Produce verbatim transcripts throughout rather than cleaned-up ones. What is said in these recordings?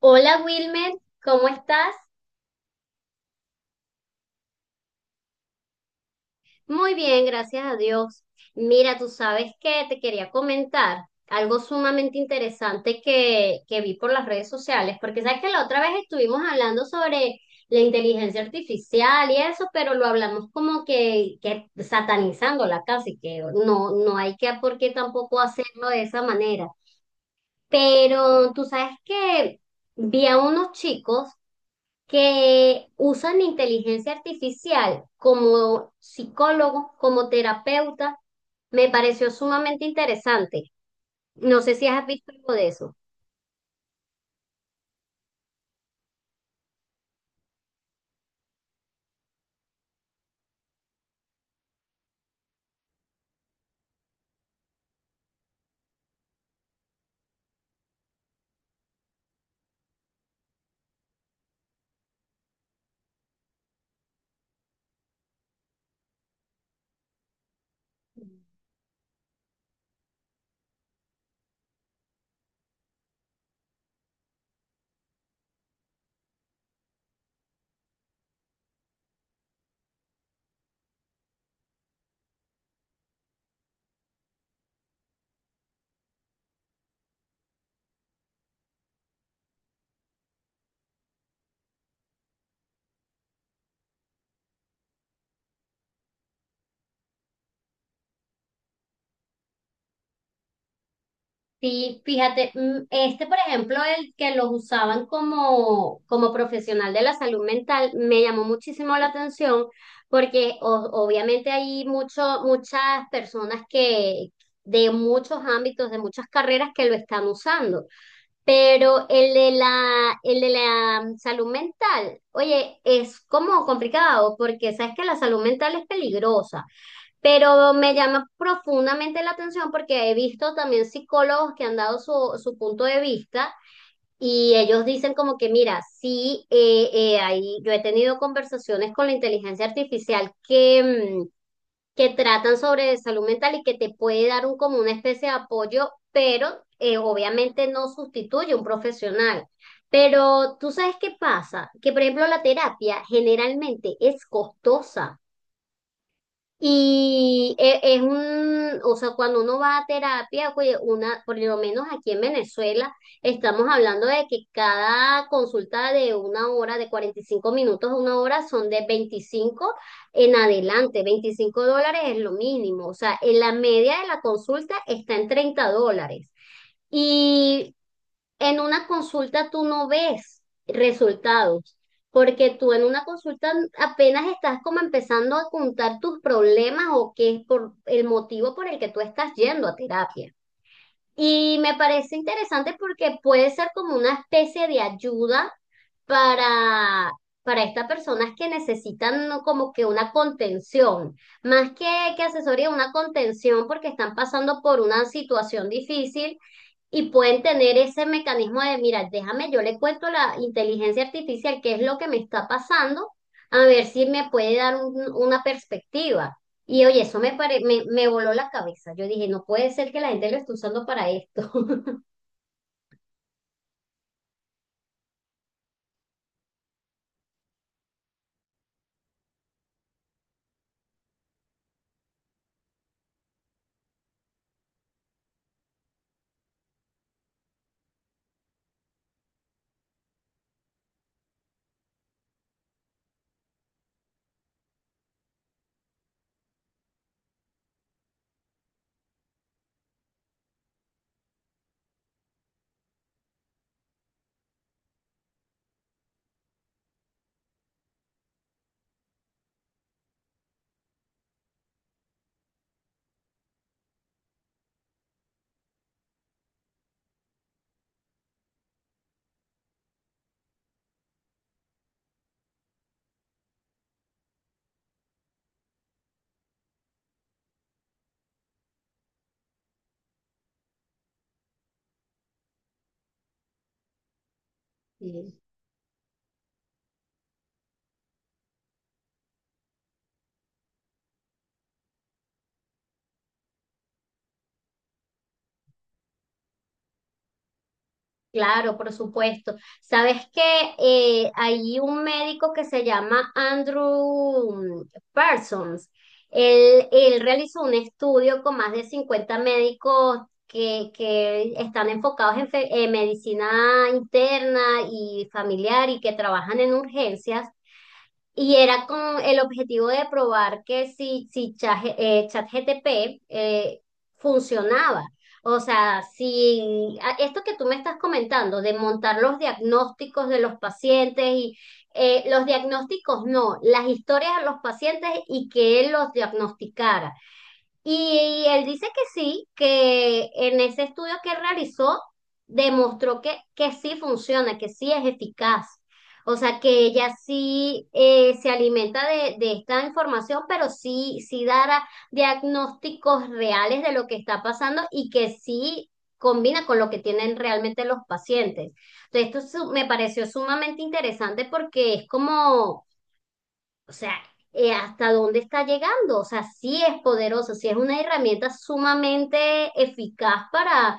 Hola Wilmer, ¿cómo estás? Muy bien, gracias a Dios. Mira, tú sabes que te quería comentar algo sumamente interesante que, que vi por las redes sociales, porque sabes que la otra vez estuvimos hablando sobre la inteligencia artificial y eso, pero lo hablamos como que, que satanizándola casi, que no, no hay que por qué tampoco hacerlo de esa manera. Pero tú sabes que vi a unos chicos que usan inteligencia artificial como psicólogo, como terapeuta. Me pareció sumamente interesante. No sé si has visto algo de eso. Sí, fíjate, mm, este, por ejemplo, el que los usaban como, como profesional de la salud mental, me llamó muchísimo la atención porque o- obviamente hay mucho, muchas personas que de muchos ámbitos, de muchas carreras que lo están usando. Pero el de la, el de la mm, salud mental, oye, es como complicado porque sabes que la salud mental es peligrosa, pero me llama profundamente la atención porque he visto también psicólogos que han dado su, su punto de vista y ellos dicen como que mira, sí, eh, eh, ahí yo he tenido conversaciones con la inteligencia artificial que, mm, que tratan sobre salud mental y que te puede dar un, como una especie de apoyo, pero eh, obviamente no sustituye un profesional. Pero tú sabes qué pasa, que por ejemplo la terapia generalmente es costosa. Y e- es un, o sea, cuando uno va a terapia, oye, una, por lo menos aquí en Venezuela, estamos hablando de que cada consulta de una hora, de cuarenta y cinco minutos a una hora, son de veinticinco en adelante. Veinticinco dólares es lo mínimo. O sea, en la media, de la consulta está en treinta dólares. Y en una consulta tú no ves resultados, porque tú en una consulta apenas estás como empezando a contar tus problemas o qué es por el motivo por el que tú estás yendo a terapia. Y me parece interesante porque puede ser como una especie de ayuda para, para estas personas que necesitan, ¿no?, como que una contención, más que, que asesoría, una contención porque están pasando por una situación difícil y pueden tener ese mecanismo de mira, déjame, yo le cuento a la inteligencia artificial qué es lo que me está pasando, a ver si me puede dar un- una perspectiva. Y oye, eso me, pare- me, me voló la cabeza. Yo dije, no puede ser que la gente lo esté usando para esto. Sí. Claro, por supuesto. Sabes que eh, hay un médico que se llama Andrew Parsons. Él, él realizó un estudio con más de cincuenta médicos que, que están enfocados en, fe- en medicina interna y familiar y que trabajan en urgencias. Y era con el objetivo de probar que si, si Cha- eh, ChatGTP eh, funcionaba. O sea, si a- esto que tú me estás comentando, de montar los diagnósticos de los pacientes y eh, los diagnósticos no, las historias de los pacientes, y que él los diagnosticara. Y él dice que sí, que en ese estudio que realizó demostró que, que sí funciona, que sí es eficaz. O sea, que ella sí eh, se alimenta de, de esta información, pero sí, sí dará diagnósticos reales de lo que está pasando y que sí combina con lo que tienen realmente los pacientes. Entonces, esto su- me pareció sumamente interesante porque es como, o sea, eh, ¿hasta dónde está llegando? O sea, sí es poderosa, sí es una herramienta sumamente eficaz para,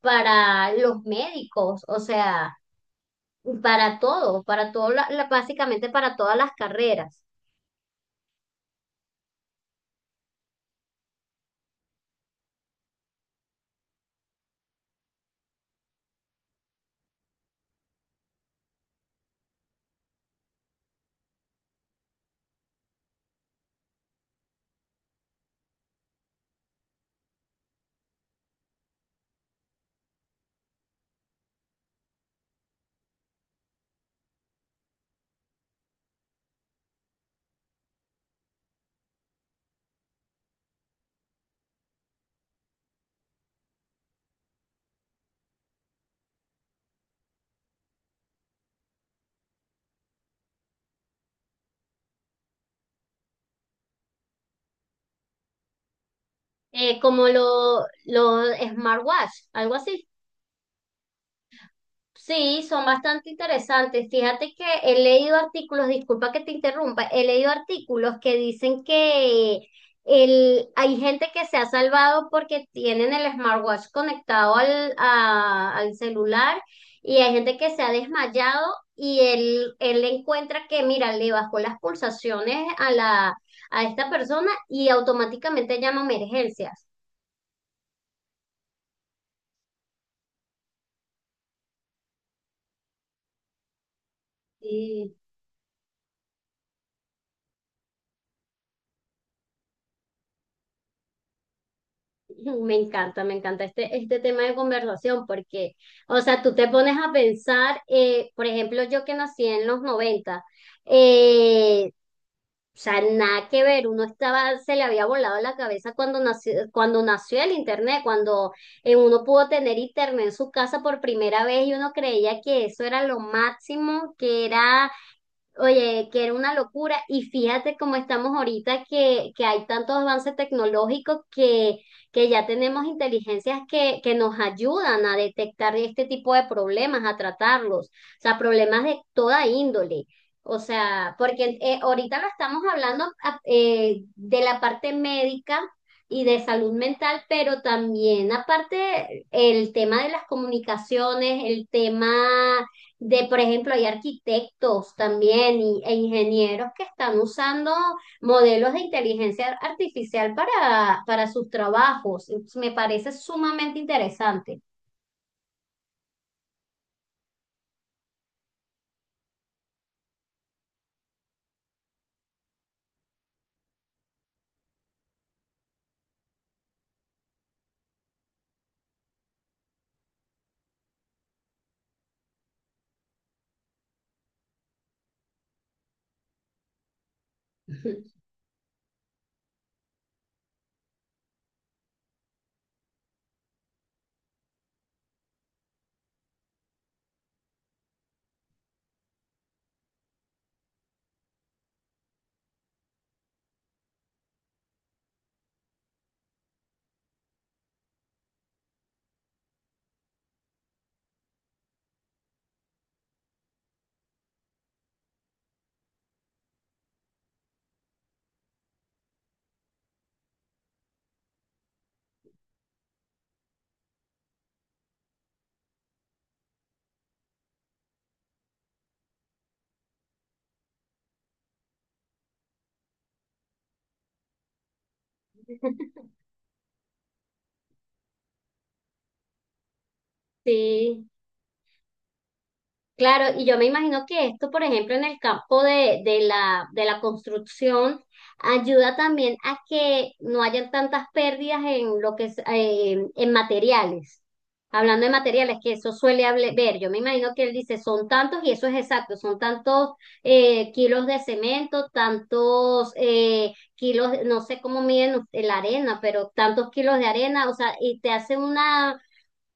para los médicos, o sea, para todo, para todo, la- la- básicamente para todas las carreras. Eh, como lo, los smartwatch, algo así. Sí, son bastante interesantes. Fíjate que he leído artículos, disculpa que te interrumpa, he leído artículos que dicen que el, hay gente que se ha salvado porque tienen el smartwatch conectado al, a- al celular, y hay gente que se ha desmayado y él, él encuentra que, mira, le bajó las pulsaciones a la, a esta persona, y automáticamente llama a emergencias. Me encanta, me encanta este, este tema de conversación porque, o sea, tú te pones a pensar, eh, por ejemplo, yo que nací en los noventa, eh, o sea, nada que ver. Uno estaba, se le había volado la cabeza cuando nació, cuando nació el internet, cuando eh, uno pudo tener internet en su casa por primera vez, y uno creía que eso era lo máximo, que era, oye, que era una locura. Y fíjate cómo estamos ahorita, que, que hay tantos avances tecnológicos que, que ya tenemos inteligencias que, que nos ayudan a detectar este tipo de problemas, a tratarlos. O sea, problemas de toda índole. O sea, porque eh, ahorita lo estamos hablando, a- eh, de la parte médica y de salud mental, pero también aparte el tema de las comunicaciones, el tema de, por ejemplo, hay arquitectos también y- e ingenieros que están usando modelos de inteligencia artificial para, para sus trabajos. Me parece sumamente interesante. Sí. Claro, y yo me imagino que esto, por ejemplo, en el campo de, de la, de la construcción, ayuda también a que no hayan tantas pérdidas en lo que es, eh, en materiales. Hablando de materiales, que eso suele hable- ver, yo me imagino que él dice, son tantos, y eso es exacto, son tantos eh, kilos de cemento, tantos eh, kilos, no sé cómo miden la arena, pero tantos kilos de arena. O sea, y te hace una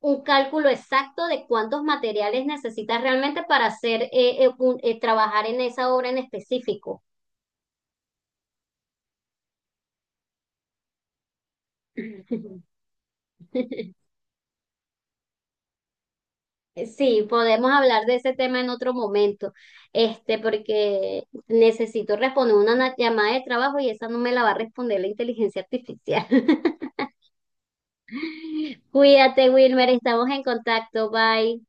un cálculo exacto de cuántos materiales necesitas realmente para hacer eh, eh, un- eh, trabajar en esa obra en específico. Sí, podemos hablar de ese tema en otro momento, este, porque necesito responder una na- llamada de trabajo y esa no me la va a responder la inteligencia artificial. Cuídate, Wilmer, estamos en contacto, bye.